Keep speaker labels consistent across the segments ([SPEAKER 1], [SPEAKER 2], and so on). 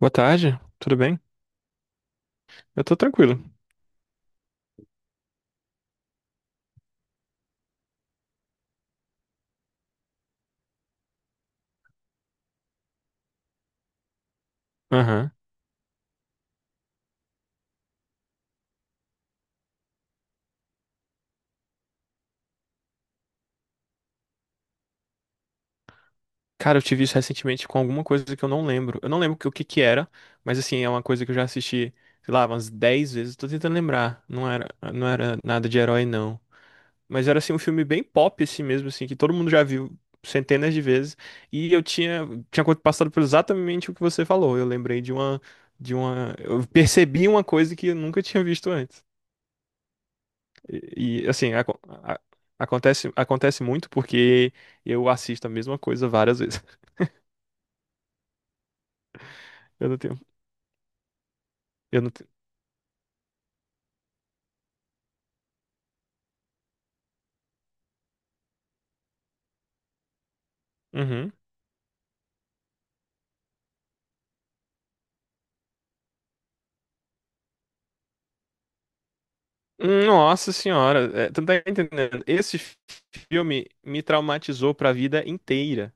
[SPEAKER 1] Boa tarde, tudo bem? Eu tô tranquilo. Aham. Cara, eu tive isso recentemente com alguma coisa que eu não lembro. Eu não lembro o que que era, mas assim, é uma coisa que eu já assisti, sei lá, umas 10 vezes. Tô tentando lembrar. Não era nada de herói, não. Mas era assim, um filme bem pop, assim mesmo, assim, que todo mundo já viu centenas de vezes. E eu tinha passado por exatamente o que você falou. Eu lembrei de uma, eu percebi uma coisa que eu nunca tinha visto antes. Assim, acontece, acontece muito porque eu assisto a mesma coisa várias vezes. Eu não tenho. Eu não tenho. Uhum. Nossa senhora, é, tu não tá entendendo? Esse filme me traumatizou pra vida inteira.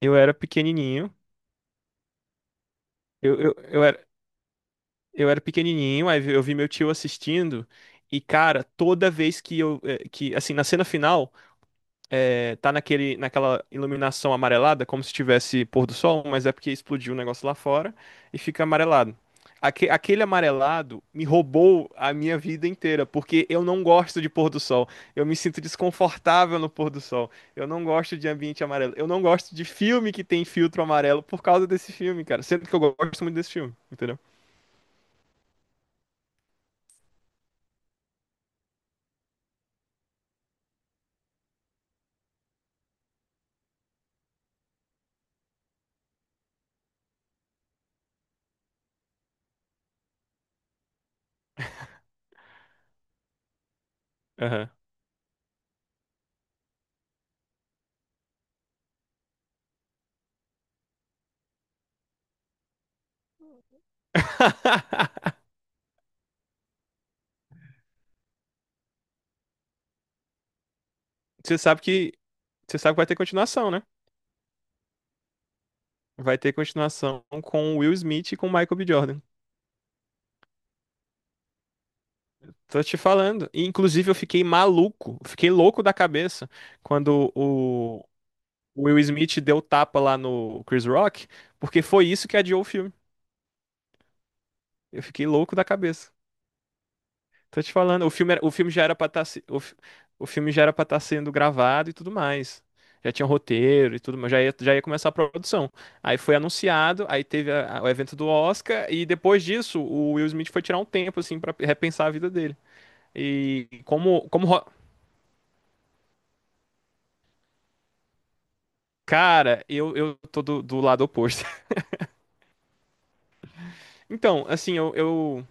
[SPEAKER 1] Eu era pequenininho, eu, eu, eu era, eu era pequenininho, aí eu vi meu tio assistindo, e cara, toda vez que assim, na cena final. É, tá naquela iluminação amarelada, como se tivesse pôr do sol, mas é porque explodiu o negócio lá fora e fica amarelado. Aquele amarelado me roubou a minha vida inteira, porque eu não gosto de pôr do sol. Eu me sinto desconfortável no pôr do sol. Eu não gosto de ambiente amarelo. Eu não gosto de filme que tem filtro amarelo por causa desse filme, cara. Sendo que eu gosto muito desse filme, entendeu? Aham. Você sabe que, você sabe que vai ter continuação, né? Vai ter continuação com o Will Smith e com o Michael B. Jordan. Tô te falando. E, inclusive, eu fiquei maluco, fiquei louco da cabeça quando o Will Smith deu tapa lá no Chris Rock, porque foi isso que adiou o filme. Eu fiquei louco da cabeça. Tô te falando, o filme já era pra estar, o, fi- o filme já era para estar sendo gravado e tudo mais. Já tinha roteiro e tudo, mas já ia começar a produção. Aí foi anunciado, aí teve o evento do Oscar, e depois disso, o Will Smith foi tirar um tempo, assim, pra repensar a vida dele. E cara, eu tô do lado oposto. Então, assim,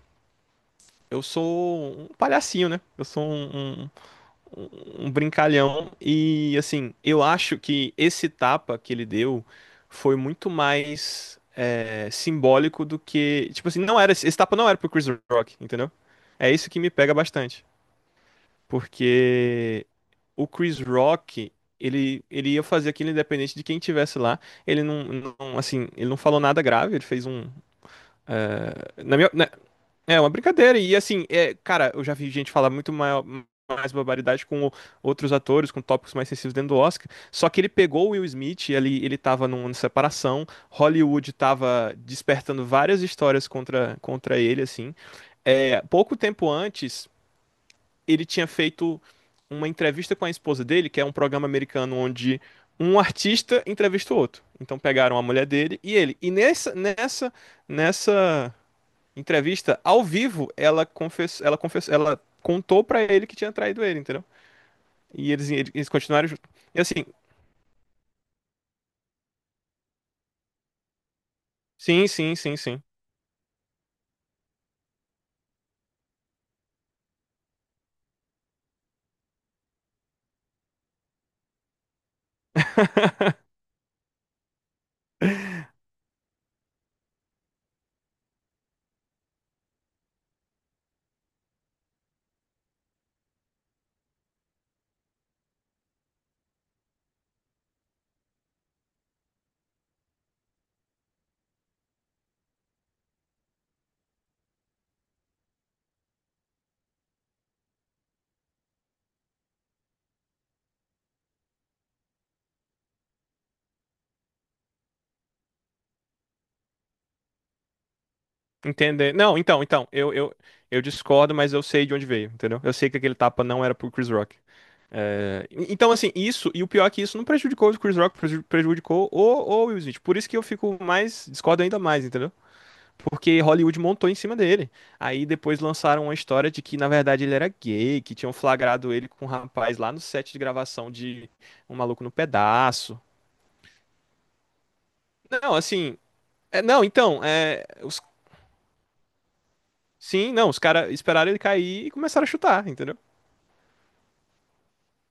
[SPEAKER 1] eu sou um palhacinho, né? Eu sou um um brincalhão. E, assim, eu acho que esse tapa que ele deu foi muito mais simbólico do que. Tipo assim, esse tapa não era pro Chris Rock, entendeu? É isso que me pega bastante. Porque o Chris Rock, ele ia fazer aquilo independente de quem tivesse lá. Ele assim, ele não falou nada grave, ele fez um, na minha, é uma brincadeira. E assim, é, cara, eu já vi gente falar mais barbaridade com outros atores, com tópicos mais sensíveis dentro do Oscar. Só que ele pegou o Will Smith, ele tava numa separação, Hollywood tava despertando várias histórias contra ele, assim. É, pouco tempo antes, ele tinha feito uma entrevista com a esposa dele, que é um programa americano onde um artista entrevista o outro. Então pegaram a mulher dele e ele. E nessa entrevista ao vivo, ela confessou, ela contou pra ele que tinha traído ele, entendeu? E eles continuaram junto. E assim, sim, sim, sim, sim. Entender. Não, então, eu discordo, mas eu sei de onde veio, entendeu? Eu sei que aquele tapa não era pro Chris Rock. É, então, assim, isso, e o pior é que isso não prejudicou o Chris Rock, prejudicou o Will Smith. Por isso que eu fico mais, discordo ainda mais, entendeu? Porque Hollywood montou em cima dele. Aí depois lançaram uma história de que, na verdade, ele era gay, que tinham flagrado ele com um rapaz lá no set de gravação de Um Maluco no Pedaço. Não, assim. É- não, então, é, os- sim, não, os caras esperaram ele cair e começaram a chutar, entendeu?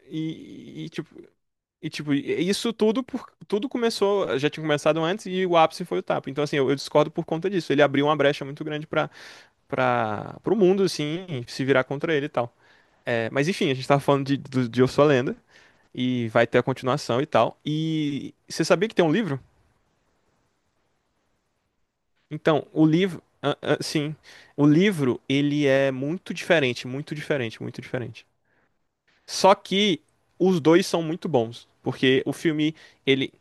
[SPEAKER 1] E, e, tipo, tipo, isso tudo tudo começou, já tinha começado antes e o ápice foi o tapa. Então, assim, eu discordo por conta disso. Ele abriu uma brecha muito grande para o mundo, assim, se virar contra ele e tal. É, mas enfim, a gente tava falando de Eu Sou a Lenda e vai ter a continuação e tal. E você sabia que tem um livro? Então, o livro, ah, ah, sim, o livro ele é muito diferente, muito diferente, muito diferente. Só que os dois são muito bons, porque ele,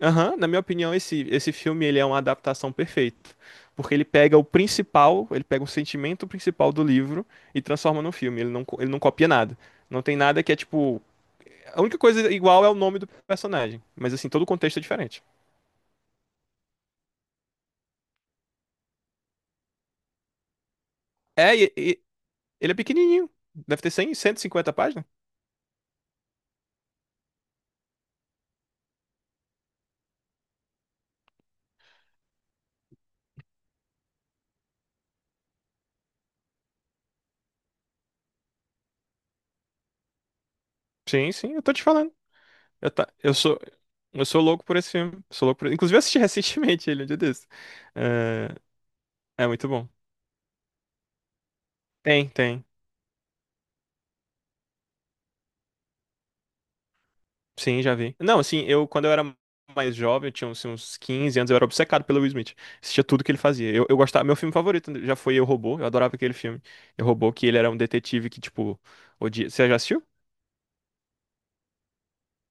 [SPEAKER 1] aham, na minha opinião esse filme ele é uma adaptação perfeita, porque ele pega o principal, ele pega o sentimento principal do livro e transforma no filme. Ele não copia nada. Não tem nada que é tipo. A única coisa igual é o nome do personagem, mas assim, todo o contexto é diferente. É, e- e- Ele é pequenininho. Deve ter 100, 150 páginas. Sim, sim, eu tô te falando. Eu, tá, eu sou eu sou louco por esse filme. Sou louco por... Inclusive, eu assisti recentemente ele um dia desse. Eh, É, muito bom. Tem, tem. Sim, já vi. Não, assim, eu quando eu era mais jovem, eu tinha assim, uns 15 anos, eu era obcecado pelo Will Smith. Assistia tudo que ele fazia. Eu gostava, meu filme favorito né, já foi Eu, Robô. Eu adorava aquele filme. Eu, Robô, que ele era um detetive que, tipo, odia. Você já assistiu?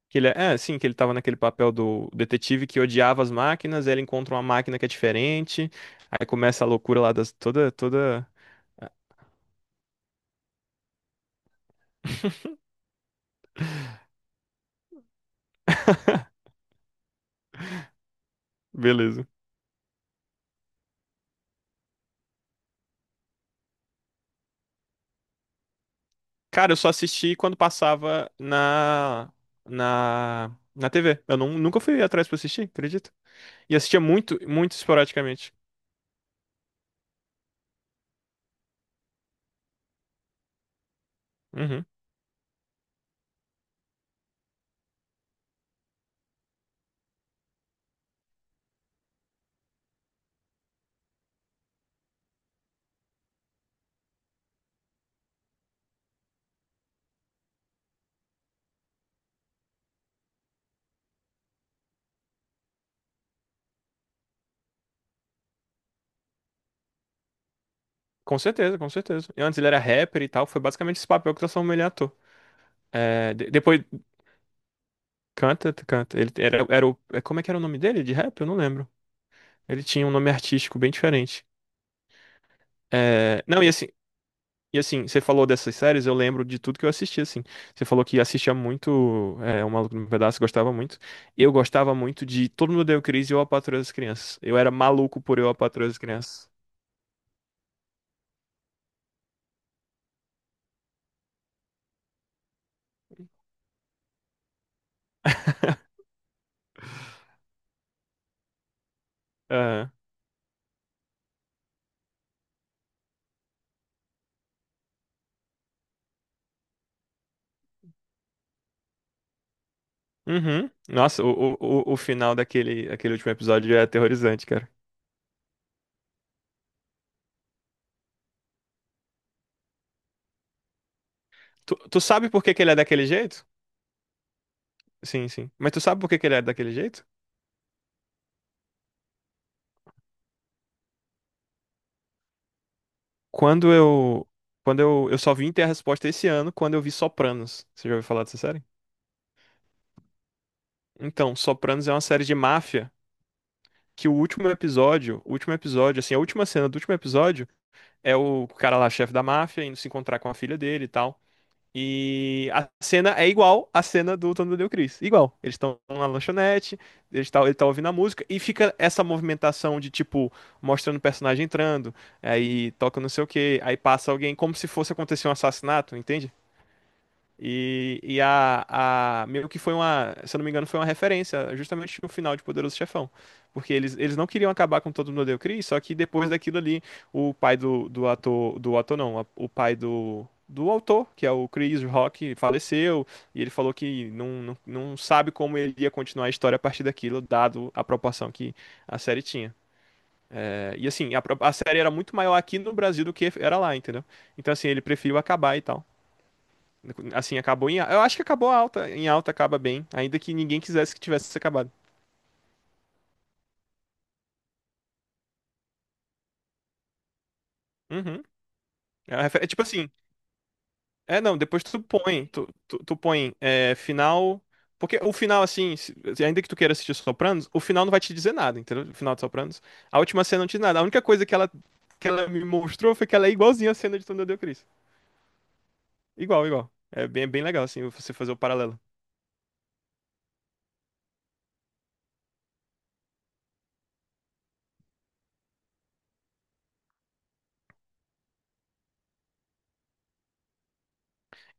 [SPEAKER 1] Que ele sim, que ele tava naquele papel do detetive que odiava as máquinas, aí ele encontra uma máquina que é diferente, aí começa a loucura lá das toda. Beleza. Cara, eu só assisti quando passava na na TV. Eu não, nunca fui atrás pra assistir, acredito. E assistia muito, muito esporadicamente. Uhum. Com certeza, com certeza. E antes ele era rapper e tal, foi basicamente esse papel que transformou ele em ator. É, depois canta, canta. Ele era, era o, é, como é que era o nome dele de rap? Eu não lembro. Ele tinha um nome artístico bem diferente. É, Não, e assim, você falou dessas séries, eu lembro de tudo que eu assisti, assim. Você falou que assistia muito, é, O Maluco no Pedaço, gostava muito. Eu gostava muito de Todo Mundo Odeia o Chris e Eu, a Patroa das Crianças. Eu era maluco por Eu, a Patroa das Crianças. É. Uhum. Nossa, o o final daquele aquele último episódio é aterrorizante, cara. Tu sabe por que que ele é daquele jeito? Sim, sim. Mas tu sabe por que que ele é daquele jeito? Quando eu. Quando eu. Eu só vim ter a resposta esse ano quando eu vi Sopranos. Você já ouviu falar dessa série? Então, Sopranos é uma série de máfia que o último episódio, assim, a última cena do último episódio é o cara lá, chefe da máfia, indo se encontrar com a filha dele e tal. E a cena é igual à cena do Tony Del Chris. Igual. Eles estão na lanchonete, ele tá ouvindo a música, e fica essa movimentação de, tipo, mostrando o personagem entrando, aí toca não sei o quê, aí passa alguém como se fosse acontecer um assassinato, entende? E, e a, Meio que foi uma, se eu não me engano, foi uma referência justamente no final de Poderoso Chefão. Porque eles não queriam acabar com todo mundo odeia o Chris, só que depois daquilo ali, o pai do ator não, o pai do autor, que é o Chris Rock, faleceu, e ele falou que não sabe como ele ia continuar a história a partir daquilo, dado a proporção que a série tinha. É, e assim, a série era muito maior aqui no Brasil do que era lá, entendeu? Então assim, ele preferiu acabar e tal. Assim, eu acho que acabou alta. Em alta acaba bem. Ainda que ninguém quisesse que tivesse acabado. Uhum. É tipo assim. É, não, depois tu põe. Tu põe é, final. Porque o final, assim, ainda que tu queira assistir Sopranos, o final não vai te dizer nada, entendeu? O final de Sopranos. A última cena não te diz nada. A única coisa que ela me mostrou foi que ela é igualzinha à cena de Tom Deu Cristo. Igual, igual. É bem, bem legal, assim, você fazer o paralelo.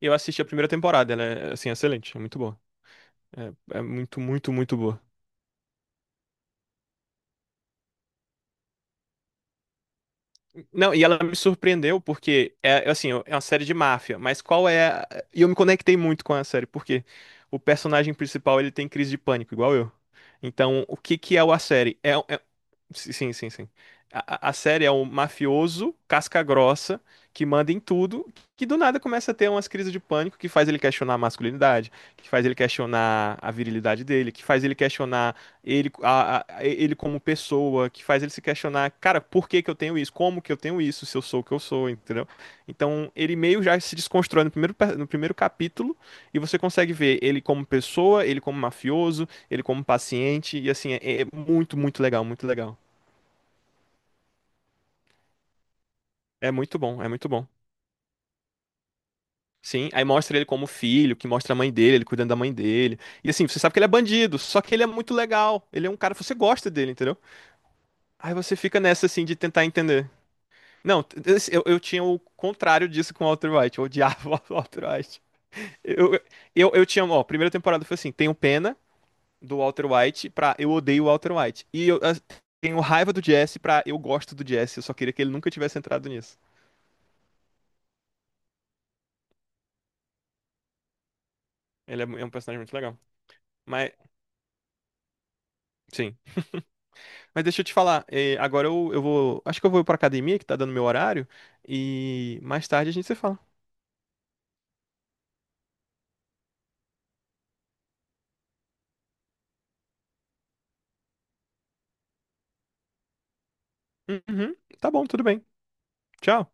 [SPEAKER 1] Eu assisti a primeira temporada, ela é, assim, excelente. É muito boa. É, é muito, muito, muito boa. Não, e ela me surpreendeu porque é assim, é uma série de máfia, mas e eu me conectei muito com a série, porque o personagem principal ele tem crise de pânico, igual eu. Então, o que que é o- a série? É, sim, sim, sim. A a série é um mafioso casca-grossa que manda em tudo, que do nada começa a ter umas crises de pânico que faz ele questionar a masculinidade, que faz ele questionar a virilidade dele, que faz ele questionar ele, ele como pessoa, que faz ele se questionar, cara, por que que eu tenho isso? Como que eu tenho isso? Se eu sou o que eu sou, entendeu? Então ele meio já se desconstrói no no primeiro capítulo e você consegue ver ele como pessoa, ele como mafioso, ele como paciente, e assim, é, é muito, muito legal, muito legal. É muito bom, é muito bom. Sim, aí mostra ele como filho, que mostra a mãe dele, ele cuidando da mãe dele. E assim, você sabe que ele é bandido, só que ele é muito legal. Ele é um cara que você gosta dele, entendeu? Aí você fica nessa assim de tentar entender. Não, esse- eu tinha o contrário disso com o Walter White. Eu odiava o Walter White. Eu, eu tinha, ó, a primeira temporada foi assim: tenho pena do Walter White pra eu odeio o Walter White. E eu ah, tenho raiva do Jesse pra eu gosto do Jesse. Eu só queria que ele nunca tivesse entrado nisso. Ele é um personagem muito legal. Mas, sim. Mas deixa eu te falar, agora eu vou. Acho que eu vou pra academia, que tá dando meu horário, e mais tarde a gente se fala. Uhum, tá bom, tudo bem. Tchau.